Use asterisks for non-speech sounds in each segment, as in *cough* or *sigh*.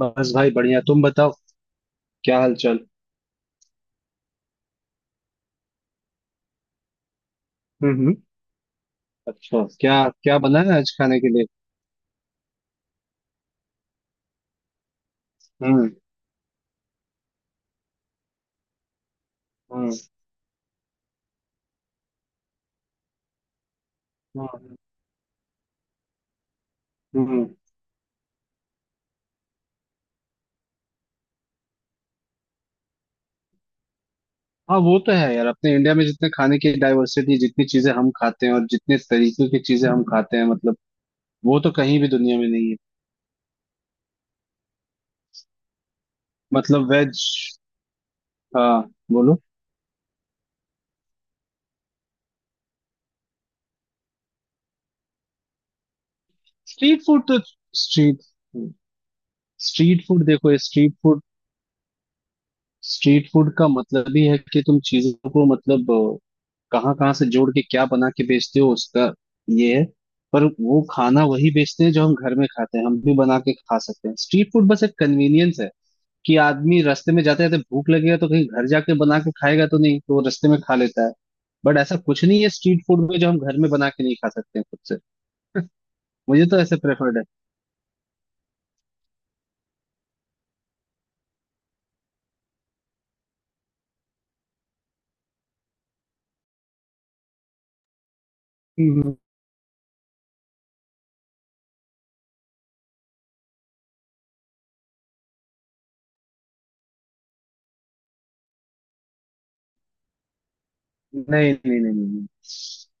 बस भाई बढ़िया। तुम बताओ क्या हाल चाल। हम्म हम्म। अच्छा, क्या क्या बना है आज खाने के लिए? हम्म हम्म हम्म हम्म। हाँ, वो तो है यार। अपने इंडिया में जितने खाने की डाइवर्सिटी, जितनी चीजें हम खाते हैं और जितने तरीके की चीजें हम खाते हैं मतलब, वो तो कहीं भी दुनिया में नहीं है। मतलब वेज। हाँ। बोलो। स्ट्रीट फूड तो। स्ट्रीट स्ट्रीट फूड देखो। स्ट्रीट फूड, स्ट्रीट फूड का मतलब ही है कि तुम चीजों को मतलब कहाँ कहाँ से जोड़ के क्या बना के बेचते हो, उसका ये है। पर वो खाना वही बेचते हैं जो हम घर में खाते हैं, हम भी बना के खा सकते हैं। स्ट्रीट फूड बस एक कन्वीनियंस है कि आदमी रास्ते में जाते जाते भूख लगेगा तो कहीं घर जाके बना के खाएगा तो नहीं, तो वो रास्ते में खा लेता है। बट ऐसा कुछ नहीं है स्ट्रीट फूड में जो हम घर में बना के नहीं खा सकते हैं खुद से। मुझे तो ऐसे प्रेफर्ड है। हम्म, नहीं नहीं नहीं नहीं नहीं।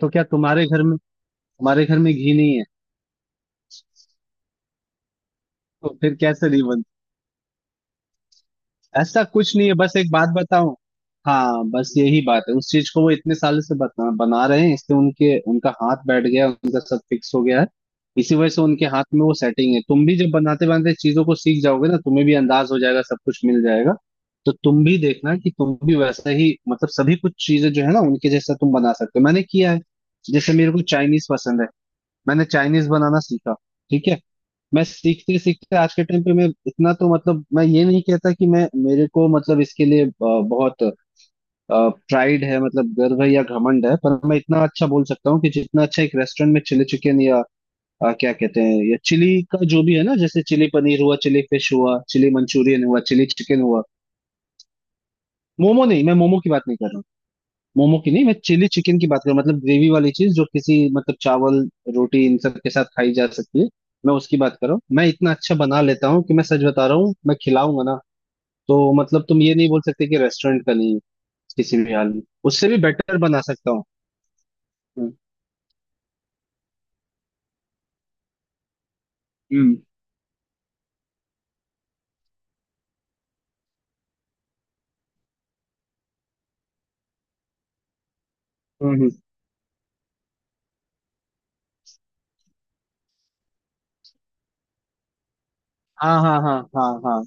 तो क्या तुम्हारे घर में घी नहीं है? तो फिर कैसे नहीं? ऐसा कुछ नहीं है, बस एक बात बताऊं। हाँ, बस यही बात है। उस चीज को वो इतने साल से बना रहे हैं, इसलिए उनके उनका हाथ बैठ गया, उनका सब फिक्स हो गया है। इसी वजह से उनके हाथ में वो सेटिंग है। तुम भी जब बनाते बनाते चीजों को सीख जाओगे ना, तुम्हें भी अंदाज हो जाएगा, सब कुछ मिल जाएगा। तो तुम भी देखना कि तुम भी वैसा ही मतलब, सभी कुछ चीजें जो है ना, उनके जैसा तुम बना सकते हो। मैंने किया है। जैसे मेरे को चाइनीज पसंद है। मैंने चाइनीज बनाना सीखा। ठीक है। मैं सीखते सीखते आज के टाइम पे मैं इतना तो मतलब, मैं ये नहीं कहता कि मैं, मेरे को मतलब इसके लिए बहुत प्राइड है, मतलब गर्व है या घमंड है, पर मैं इतना अच्छा बोल सकता हूँ कि जितना अच्छा एक रेस्टोरेंट में चिली चिकन या क्या कहते हैं, या चिली का जो भी है ना, जैसे चिली पनीर हुआ, चिली फिश हुआ, चिली मंचूरियन हुआ, चिली चिकन हुआ। मोमो नहीं, मैं मोमो की बात नहीं कर रहा। मोमो की नहीं, मैं चिली चिकन की बात कर रहा हूँ। मतलब ग्रेवी वाली चीज जो किसी मतलब चावल, रोटी इन सब के साथ खाई जा सकती है। मैं उसकी बात कर रहा हूँ। मैं इतना अच्छा बना लेता हूँ कि, मैं सच बता रहा हूँ, मैं खिलाऊंगा ना। तो मतलब तुम ये नहीं बोल सकते कि रेस्टोरेंट का नहीं है। किसी भी हाल में उससे भी बेटर बना सकता हूँ। हम्म हम्म हम्म हम्म। हाँ हाँ हाँ हाँ हाँ।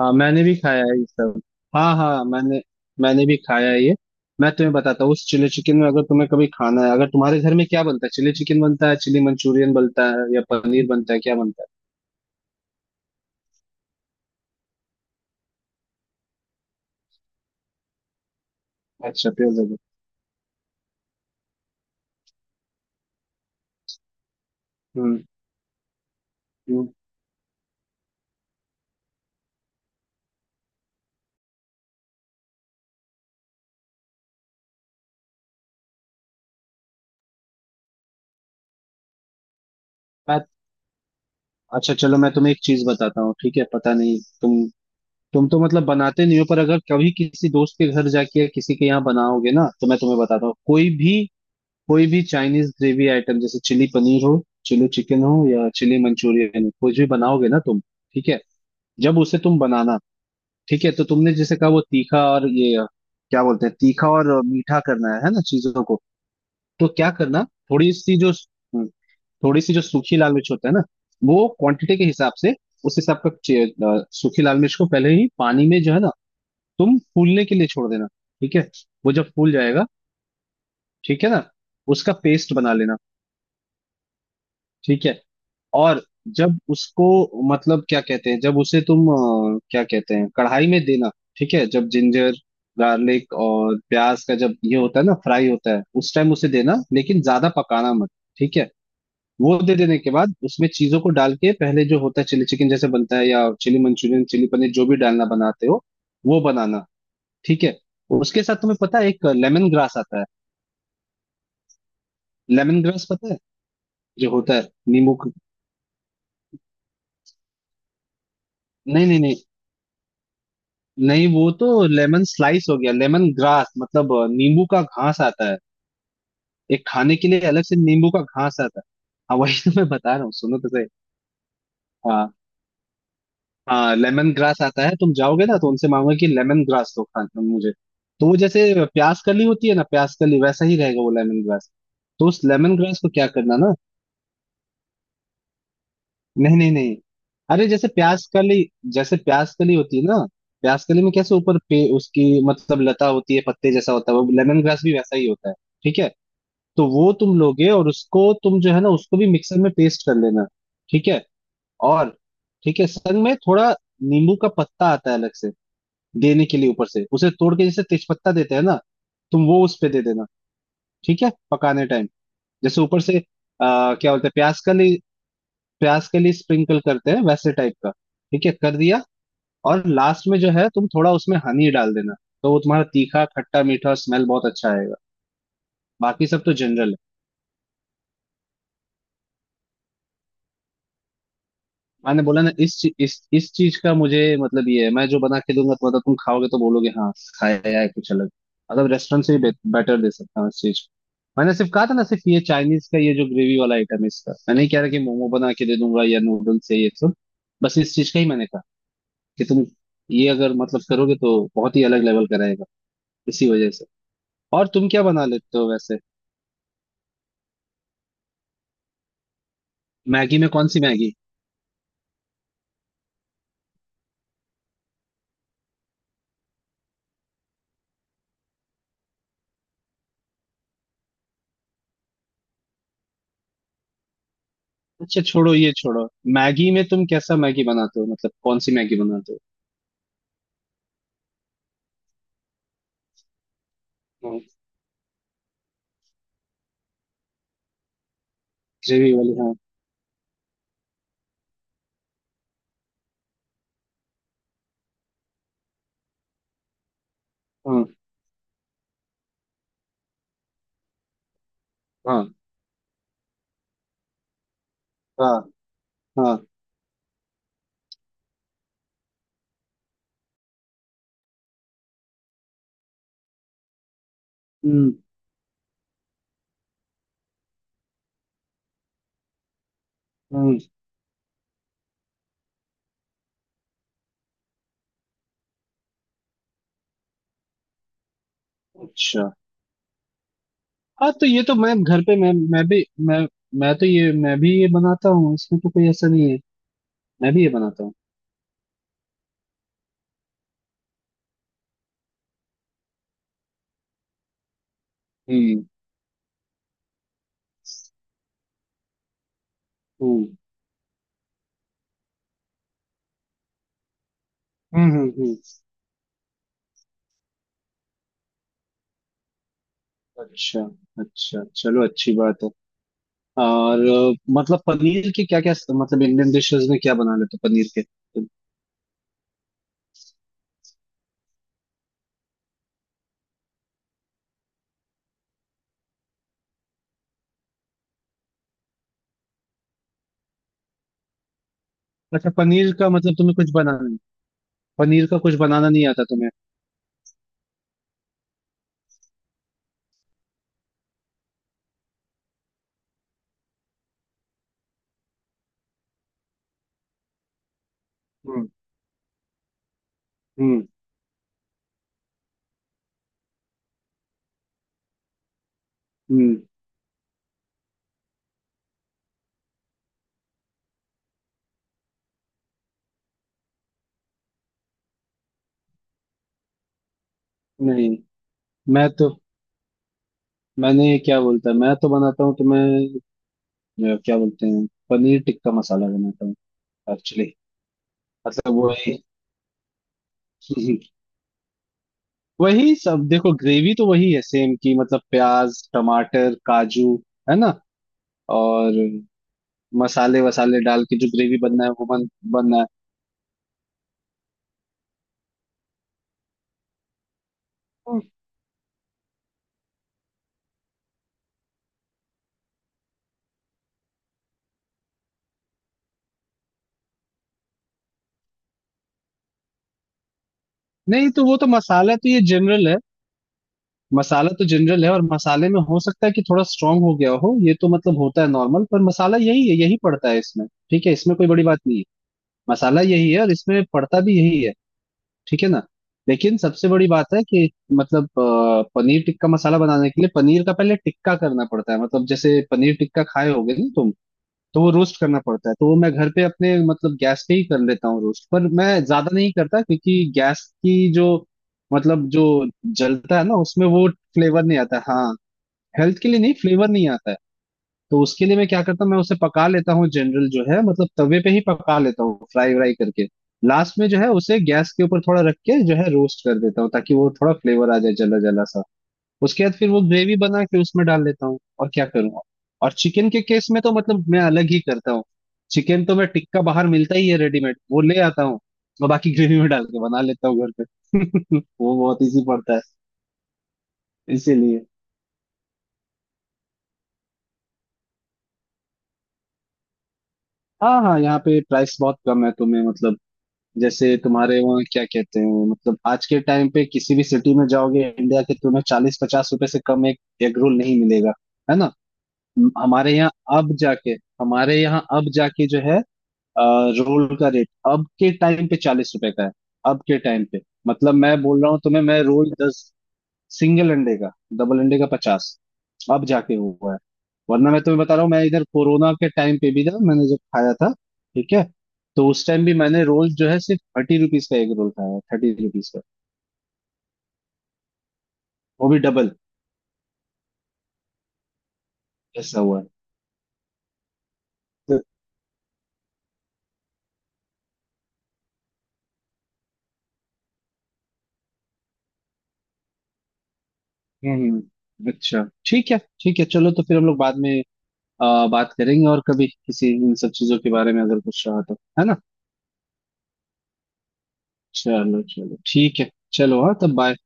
हाँ, मैंने भी खाया है ये सब। हाँ हाँ, मैंने। मैंने भी खाया है ये। मैं तुम्हें बताता हूँ उस चिली चिकन में। अगर तुम्हें कभी खाना है, अगर तुम्हारे घर में क्या बनता है, चिली चिकन बनता है, चिली मंचूरियन बनता है या पनीर बनता है, क्या बनता है? अच्छा, प्योर वेज। हम्म हम्म। मैं। अच्छा चलो, मैं तुम्हें एक चीज बताता हूँ। ठीक है, पता नहीं तुम तो मतलब बनाते नहीं हो, पर अगर कभी किसी दोस्त के घर जाके या किसी के यहाँ बनाओगे ना, तो मैं तुम्हें बताता हूँ, कोई भी चाइनीज ग्रेवी आइटम जैसे चिली पनीर हो, चिली चिकन हो या चिली मंचूरियन हो, कुछ भी बनाओगे ना तुम। ठीक है, जब उसे तुम बनाना। ठीक है, तो तुमने जैसे कहा, वो तीखा और ये क्या बोलते हैं, तीखा और मीठा करना है ना, चीजों को। तो क्या करना, थोड़ी सी जो हम्म, थोड़ी सी जो सूखी लाल मिर्च होता है ना, वो क्वांटिटी के हिसाब से, उस हिसाब का सूखी लाल मिर्च को पहले ही पानी में जो है ना, तुम फूलने के लिए छोड़ देना। ठीक है, वो जब फूल जाएगा, ठीक है ना, उसका पेस्ट बना लेना। ठीक है, और जब उसको मतलब, क्या कहते हैं, जब उसे तुम क्या कहते हैं, कढ़ाई में देना। ठीक है, जब जिंजर गार्लिक और प्याज का जब ये होता है ना, फ्राई होता है, उस टाइम उसे देना, लेकिन ज्यादा पकाना मत। ठीक है। वो दे देने के बाद उसमें चीजों को डाल के, पहले जो होता है चिली चिकन जैसे बनता है या चिली मंचूरियन, चिली पनीर, जो भी डालना बनाते हो, वो बनाना। ठीक है। उसके साथ तुम्हें पता है, एक लेमन ग्रास आता है। लेमन ग्रास पता है? जो होता है नींबू का- नहीं नहीं नहीं। नहीं, वो तो लेमन स्लाइस हो गया। लेमन ग्रास मतलब नींबू का घास आता है। एक खाने के लिए अलग से नींबू का घास आता है। हाँ, वही तो मैं बता रहा हूँ, सुनो तो सही। हाँ हाँ, लेमन ग्रास आता है। तुम जाओगे ना तो उनसे मांगोगे कि लेमन ग्रास दो खा मुझे। तो वो जैसे प्याज कली होती है ना, प्याज कली वैसा ही रहेगा वो लेमन ग्रास। तो उस लेमन ग्रास को क्या करना ना। नहीं नहीं नहीं। अरे, जैसे प्याज कली होती है ना, प्याज कली में कैसे ऊपर पे उसकी मतलब लता होती है, पत्ते जैसा होता है, वो लेमन ग्रास भी वैसा ही होता है। ठीक है। तो वो तुम लोगे और उसको तुम जो है ना, उसको भी मिक्सर में पेस्ट कर लेना। ठीक है, और ठीक है, संग में थोड़ा नींबू का पत्ता आता है अलग से देने के लिए, ऊपर से उसे तोड़ के, जैसे तेजपत्ता देते हैं ना, तुम वो उस पे दे देना। ठीक है, पकाने टाइम जैसे ऊपर से। क्या बोलते हैं, प्याज के लिए स्प्रिंकल करते हैं वैसे टाइप का। ठीक है, कर दिया। और लास्ट में जो है, तुम थोड़ा उसमें हनी डाल देना। तो वो तुम्हारा तीखा, खट्टा, मीठा और स्मेल बहुत अच्छा आएगा। बाकी सब तो जनरल है। मैंने बोला ना, इस ची- इस चीज का मुझे मतलब ये है, मैं जो बना के दूंगा तो मतलब, तुम खाओगे तो बोलोगे हाँ खाया है कुछ अलग। मतलब रेस्टोरेंट से भी बेटर दे सकता हूँ इस चीज को। मैंने सिर्फ कहा था ना, सिर्फ ये चाइनीज का ये जो ग्रेवी वाला आइटम है इसका, मैं नहीं कह रहा कि मोमो बना के दे दूंगा या नूडल्स है ये सब। बस इस चीज का ही मैंने कहा कि तुम ये अगर मतलब करोगे तो बहुत ही अलग लेवल का रहेगा, इसी वजह से। और तुम क्या बना लेते हो वैसे? मैगी में कौन सी मैगी? अच्छा छोड़ो ये, छोड़ो। मैगी में तुम कैसा मैगी बनाते हो? मतलब कौन सी मैगी बनाते हो? ग्रेवी वाली? हाँ हाँ हाँ हाँ हाँ। हम्म हम्म। अच्छा। हाँ, तो ये तो मैं घर पे, मैं भी ये बनाता हूँ। इसमें तो कोई ऐसा नहीं है। मैं भी ये बनाता हूँ। हम्म हम्म हम्म हम्म हम्म। अच्छा, अच्छा, चलो अच्छी बात है। और मतलब पनीर के क्या क्या, मतलब इंडियन डिशेस में क्या बना लेते हो पनीर के तुम? अच्छा पनीर का मतलब तुम्हें कुछ बनाना नहीं, पनीर का कुछ बनाना नहीं आता तुम्हें? हम्म हम्म हम्म। नहीं, मैं तो, मैंने क्या बोलता है, मैं तो बनाता हूँ, तो मैं क्या बोलते हैं, पनीर टिक्का मसाला बनाता हूँ एक्चुअली। मतलब वही। *laughs* वही सब देखो, ग्रेवी तो वही है सेम की, मतलब प्याज, टमाटर, काजू, है ना। और मसाले वसाले डाल के जो ग्रेवी बनना है वो बन बनना है। हम्म। नहीं, तो वो तो मसाला तो ये जनरल है। मसाला तो जनरल है, और मसाले में हो सकता है कि थोड़ा स्ट्रांग हो गया हो, ये तो मतलब होता है नॉर्मल। पर मसाला यही है, यही पड़ता है इसमें, ठीक है, इसमें कोई बड़ी बात नहीं है। मसाला यही है और इसमें पड़ता भी यही है, ठीक है ना। लेकिन सबसे बड़ी बात है कि मतलब, पनीर टिक्का मसाला बनाने के लिए पनीर का पहले टिक्का करना पड़ता है, मतलब जैसे पनीर टिक्का खाए होगे ना तुम। तो वो रोस्ट करना पड़ता है, तो वो मैं घर पे अपने मतलब गैस पे ही कर लेता हूँ रोस्ट, पर मैं ज्यादा नहीं करता क्योंकि गैस की जो जलता है ना उसमें, वो फ्लेवर नहीं आता। हाँ, हेल्थ के लिए नहीं, फ्लेवर नहीं आता है। तो उसके लिए मैं क्या करता हूँ, मैं उसे पका लेता हूँ, जनरल जो है मतलब तवे पे ही पका लेता हूँ फ्राई व्राई करके। लास्ट में जो है उसे गैस के ऊपर थोड़ा रख के जो है रोस्ट कर देता हूँ, ताकि वो थोड़ा फ्लेवर आ जाए, जला जला सा। उसके बाद फिर वो ग्रेवी बना के उसमें डाल लेता हूँ, और क्या करूँगा। और चिकन के केस में तो मतलब मैं अलग ही करता हूँ। चिकन तो मैं टिक्का, बाहर मिलता ही है रेडीमेड, वो ले आता हूँ, और बाकी ग्रेवी में डाल के बना लेता हूँ घर पे। *laughs* वो बहुत इजी पड़ता है, इसीलिए। हाँ हाँ, यहाँ पे प्राइस बहुत कम है, तो मैं मतलब, जैसे तुम्हारे वहाँ क्या कहते हैं, मतलब आज के टाइम पे किसी भी सिटी में जाओगे इंडिया के, तुम्हें 40-50 रुपए से कम एक एग रोल नहीं मिलेगा, है ना। हमारे यहाँ अब जाके हमारे यहाँ अब जाके जो है, रोल का रेट अब के टाइम पे 40 रुपए का है, अब के टाइम पे। मतलब मैं बोल रहा हूँ तुम्हें, मैं, रोल 10, सिंगल अंडे का, डबल अंडे का 50, अब जाके हुआ है। वरना मैं तुम्हें बता रहा हूँ, मैं इधर कोरोना के टाइम पे भी ना, मैंने जब खाया था, ठीक है, तो उस टाइम भी मैंने रोल जो है सिर्फ 30 रुपीज का एक रोल खाया, 30 रुपीज का, वो भी डबल। ऐसा हुआ है। तो- अच्छा, ठीक है ठीक है, चलो तो फिर हम लोग बाद में बात करेंगे, और कभी किसी इन सब चीजों के बारे में अगर कुछ रहा तो, है ना। चलो चलो ठीक है। चलो हाँ, तब बाय।